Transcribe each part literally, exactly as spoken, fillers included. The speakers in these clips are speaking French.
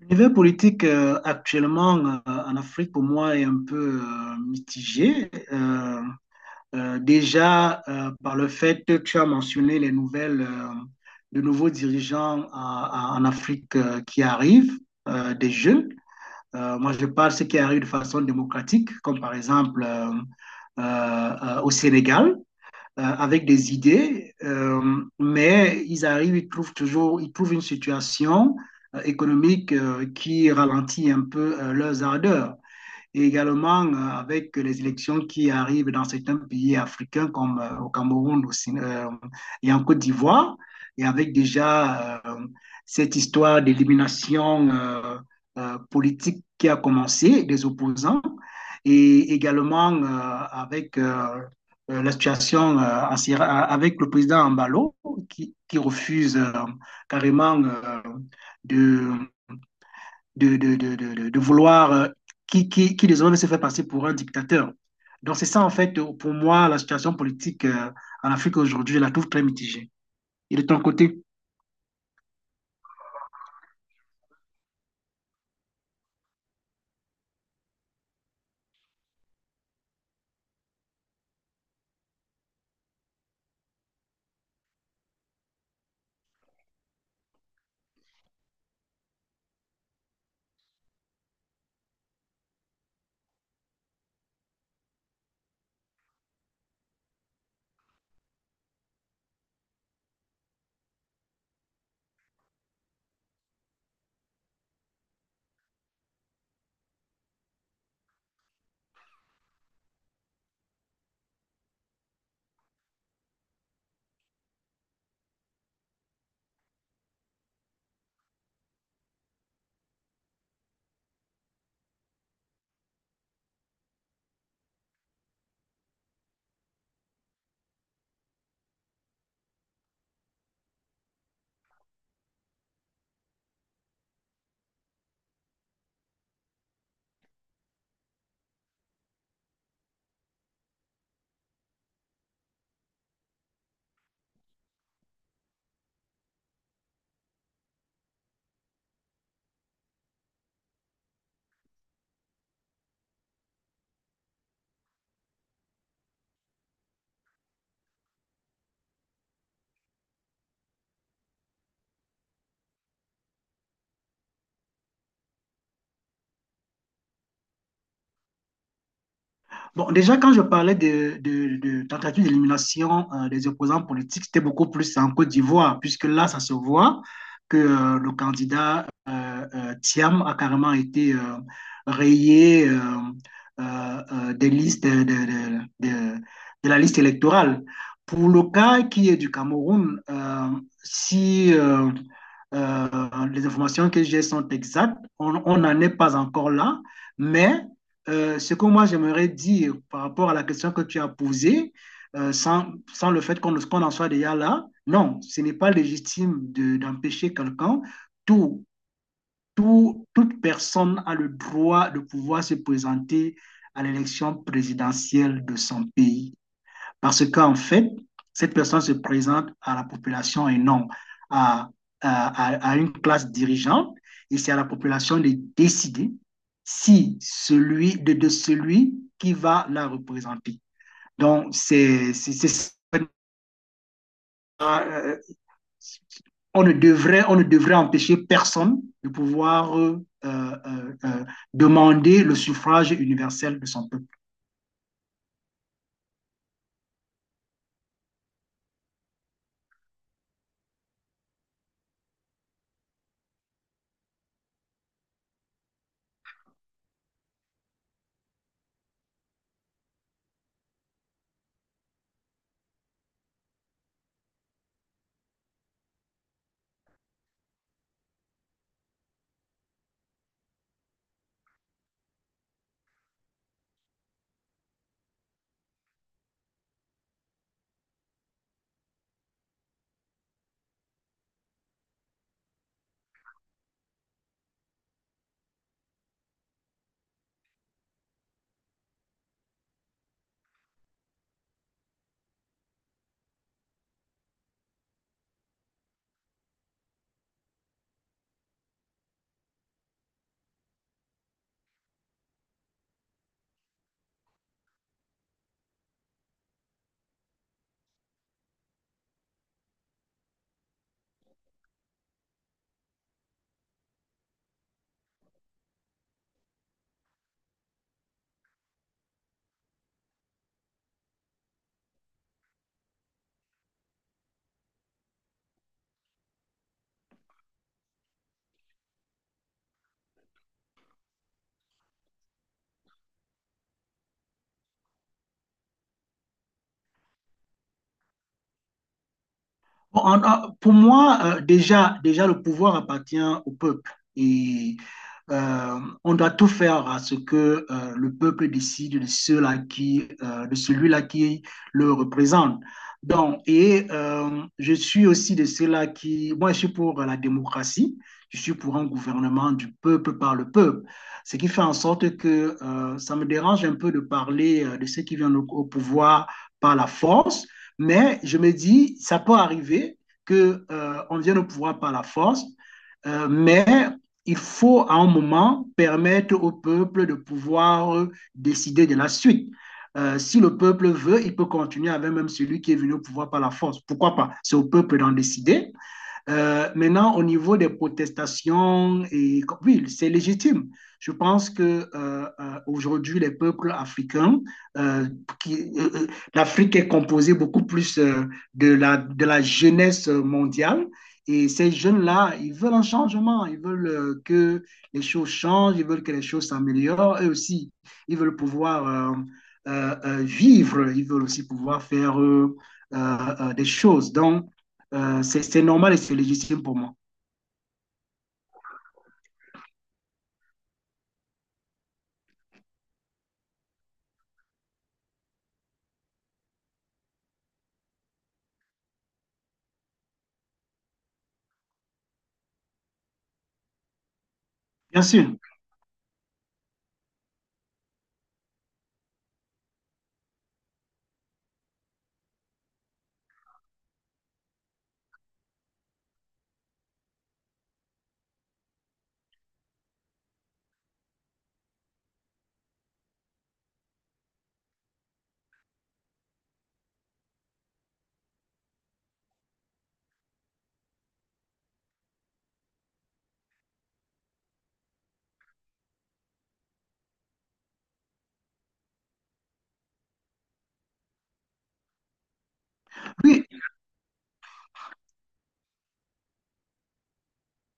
L'univers politique euh, actuellement euh, en Afrique, pour moi, est un peu euh, mitigé. Euh, euh, déjà, euh, par le fait que tu as mentionné les nouvelles, euh, de nouveaux dirigeants en, en Afrique euh, qui arrivent, euh, des jeunes. Euh, moi, je parle de ceux qui arrivent de façon démocratique, comme par exemple euh, euh, euh, au Sénégal euh, avec des idées, euh, mais ils arrivent, ils trouvent toujours, ils trouvent une situation euh, économique euh, qui ralentit un peu euh, leurs ardeurs, et également euh, avec les élections qui arrivent dans certains pays africains comme euh, au Cameroun, au Sin- euh, et en Côte d'Ivoire, et avec déjà euh, cette histoire d'élimination euh, euh, politique qui a commencé des opposants, et également euh, avec euh, euh, la situation euh, en Sierra- avec le président Ambalo, qui, qui refuse euh, carrément euh, de de, de, de, de, de vouloir, euh, qui, qui, qui désormais se fait passer pour un dictateur. Donc c'est ça, en fait, euh, pour moi, la situation politique euh, en Afrique aujourd'hui, je la trouve très mitigée. Et de ton côté? Bon, déjà, quand je parlais de, de, de tentative d'élimination euh, des opposants politiques, c'était beaucoup plus en Côte d'Ivoire, puisque là, ça se voit que euh, le candidat euh, euh, Thiam a carrément été euh, rayé euh, euh, euh, des listes de, de, de, de, de la liste électorale. Pour le cas qui est du Cameroun, euh, si euh, euh, les informations que j'ai sont exactes. On n'en est pas encore là, mais euh, ce que moi j'aimerais dire par rapport à la question que tu as posée, euh, sans, sans, le fait qu'on qu'on en soit déjà là, non, ce n'est pas légitime de d'empêcher quelqu'un, tout tout- toute personne a le droit de pouvoir se présenter à l'élection présidentielle de son pays. Parce qu'en fait, cette personne se présente à la population et non à, à- à- à une classe dirigeante. Et c'est à la population de décider si celui de, de celui qui va la représenter. Donc, c'est c'est- c'est ça, euh, on ne devrait, on ne devrait empêcher personne de pouvoir euh, euh, euh, demander le suffrage universel de son peuple. On a- pour moi, euh, déjà, déjà, le pouvoir appartient au peuple, et euh, on doit tout faire à ce que euh, le peuple décide de ceux-là qui, euh, de celui-là qui le représente. Donc, et euh, je suis aussi de ceux-là qui, moi, je suis pour la démocratie. Je suis pour un gouvernement du peuple par le peuple, ce qui fait en sorte que euh, ça me dérange un peu de parler euh, de ceux qui viennent au au pouvoir par la force, mais je me dis, ça peut arriver que euh, on vienne au pouvoir par la force, euh, mais il faut à un moment permettre au peuple de pouvoir euh, décider de la suite. Euh, si le peuple veut, il peut continuer avec même celui qui est venu au pouvoir par la force. Pourquoi pas? C'est au peuple d'en décider. Euh, maintenant, au niveau des protestations, et, oui, c'est légitime. Je pense que euh, euh, aujourd'hui, les peuples africains, euh, euh, euh, l'Afrique est composée beaucoup plus euh, de la, de la jeunesse mondiale. Et ces jeunes-là, ils veulent un changement, ils veulent euh, que les choses changent, ils veulent que les choses s'améliorent. Eux aussi, ils veulent pouvoir euh, euh, euh, vivre, ils veulent aussi pouvoir faire euh, euh, euh, des choses. Donc, euh, c'est c'est normal et c'est légitime pour moi. Bien sûr. Oui,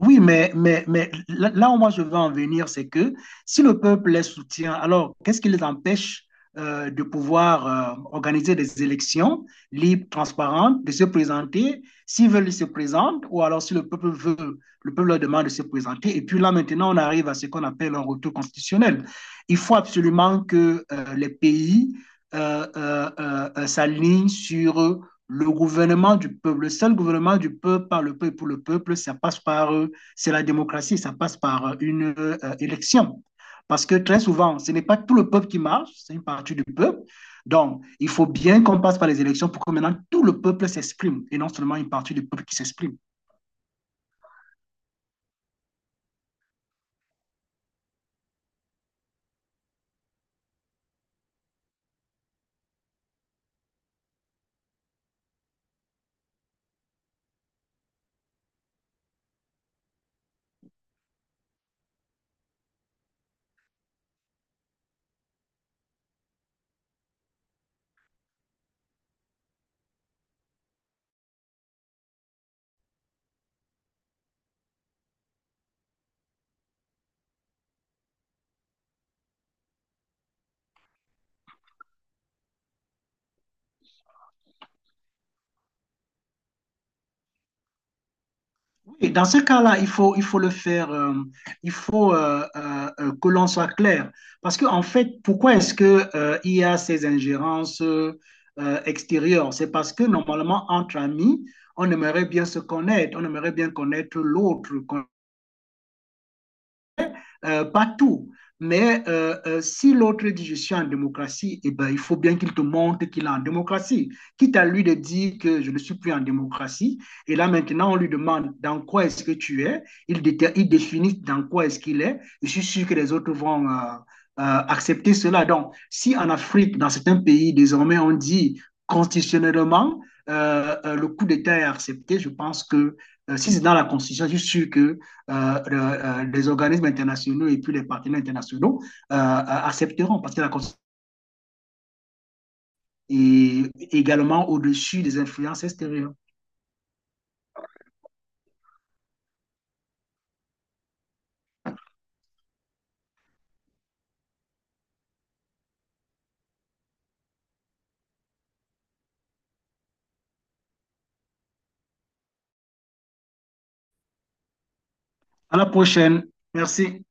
Oui, mais, mais, mais là là où moi je veux en venir, c'est que si le peuple les soutient, alors qu'est-ce qui les empêche euh, de pouvoir euh, organiser des élections libres, transparentes, de se présenter. S'ils veulent, ils se présentent, ou alors si le peuple veut, le peuple leur demande de se présenter. Et puis là, maintenant, on arrive à ce qu'on appelle un retour constitutionnel. Il faut absolument que euh, les pays euh, euh, euh, euh, s'alignent sur le gouvernement du peuple, le seul gouvernement du peuple, par le peuple, et pour le peuple. Ça passe par euh, c'est la démocratie, ça passe par euh, une euh, élection. Parce que très souvent, ce n'est pas tout le peuple qui marche, c'est une partie du peuple. Donc, il faut bien qu'on passe par les élections pour que maintenant tout le peuple s'exprime, et non seulement une partie du peuple qui s'exprime. Et dans ce cas-là, il faut, il faut le faire, euh, il faut euh, euh, euh, que l'on soit clair. Parce que, en fait, pourquoi est-ce que, euh, il y a ces ingérences euh, extérieures? C'est parce que normalement, entre amis, on aimerait bien se connaître, on aimerait bien connaître l'autre, euh, pas tout. Mais euh, euh, si l'autre dit je suis en démocratie, eh ben, il faut bien qu'il te montre qu'il est en démocratie. Quitte à lui de dire que je ne suis plus en démocratie. Et là maintenant, on lui demande dans quoi est-ce que tu es. Il, déter, il définit dans quoi est-ce qu'il est. Je suis sûr que les autres vont Euh, euh, accepter cela. Donc, si en Afrique, dans certains pays, désormais, on dit constitutionnellement euh, euh, le coup d'État est accepté, je pense que euh, si c'est dans la Constitution, je suis sûr que euh, euh, des organismes internationaux et puis les partenaires internationaux euh, euh, accepteront, parce que la Constitution est également au-dessus des influences extérieures. À la prochaine. Merci.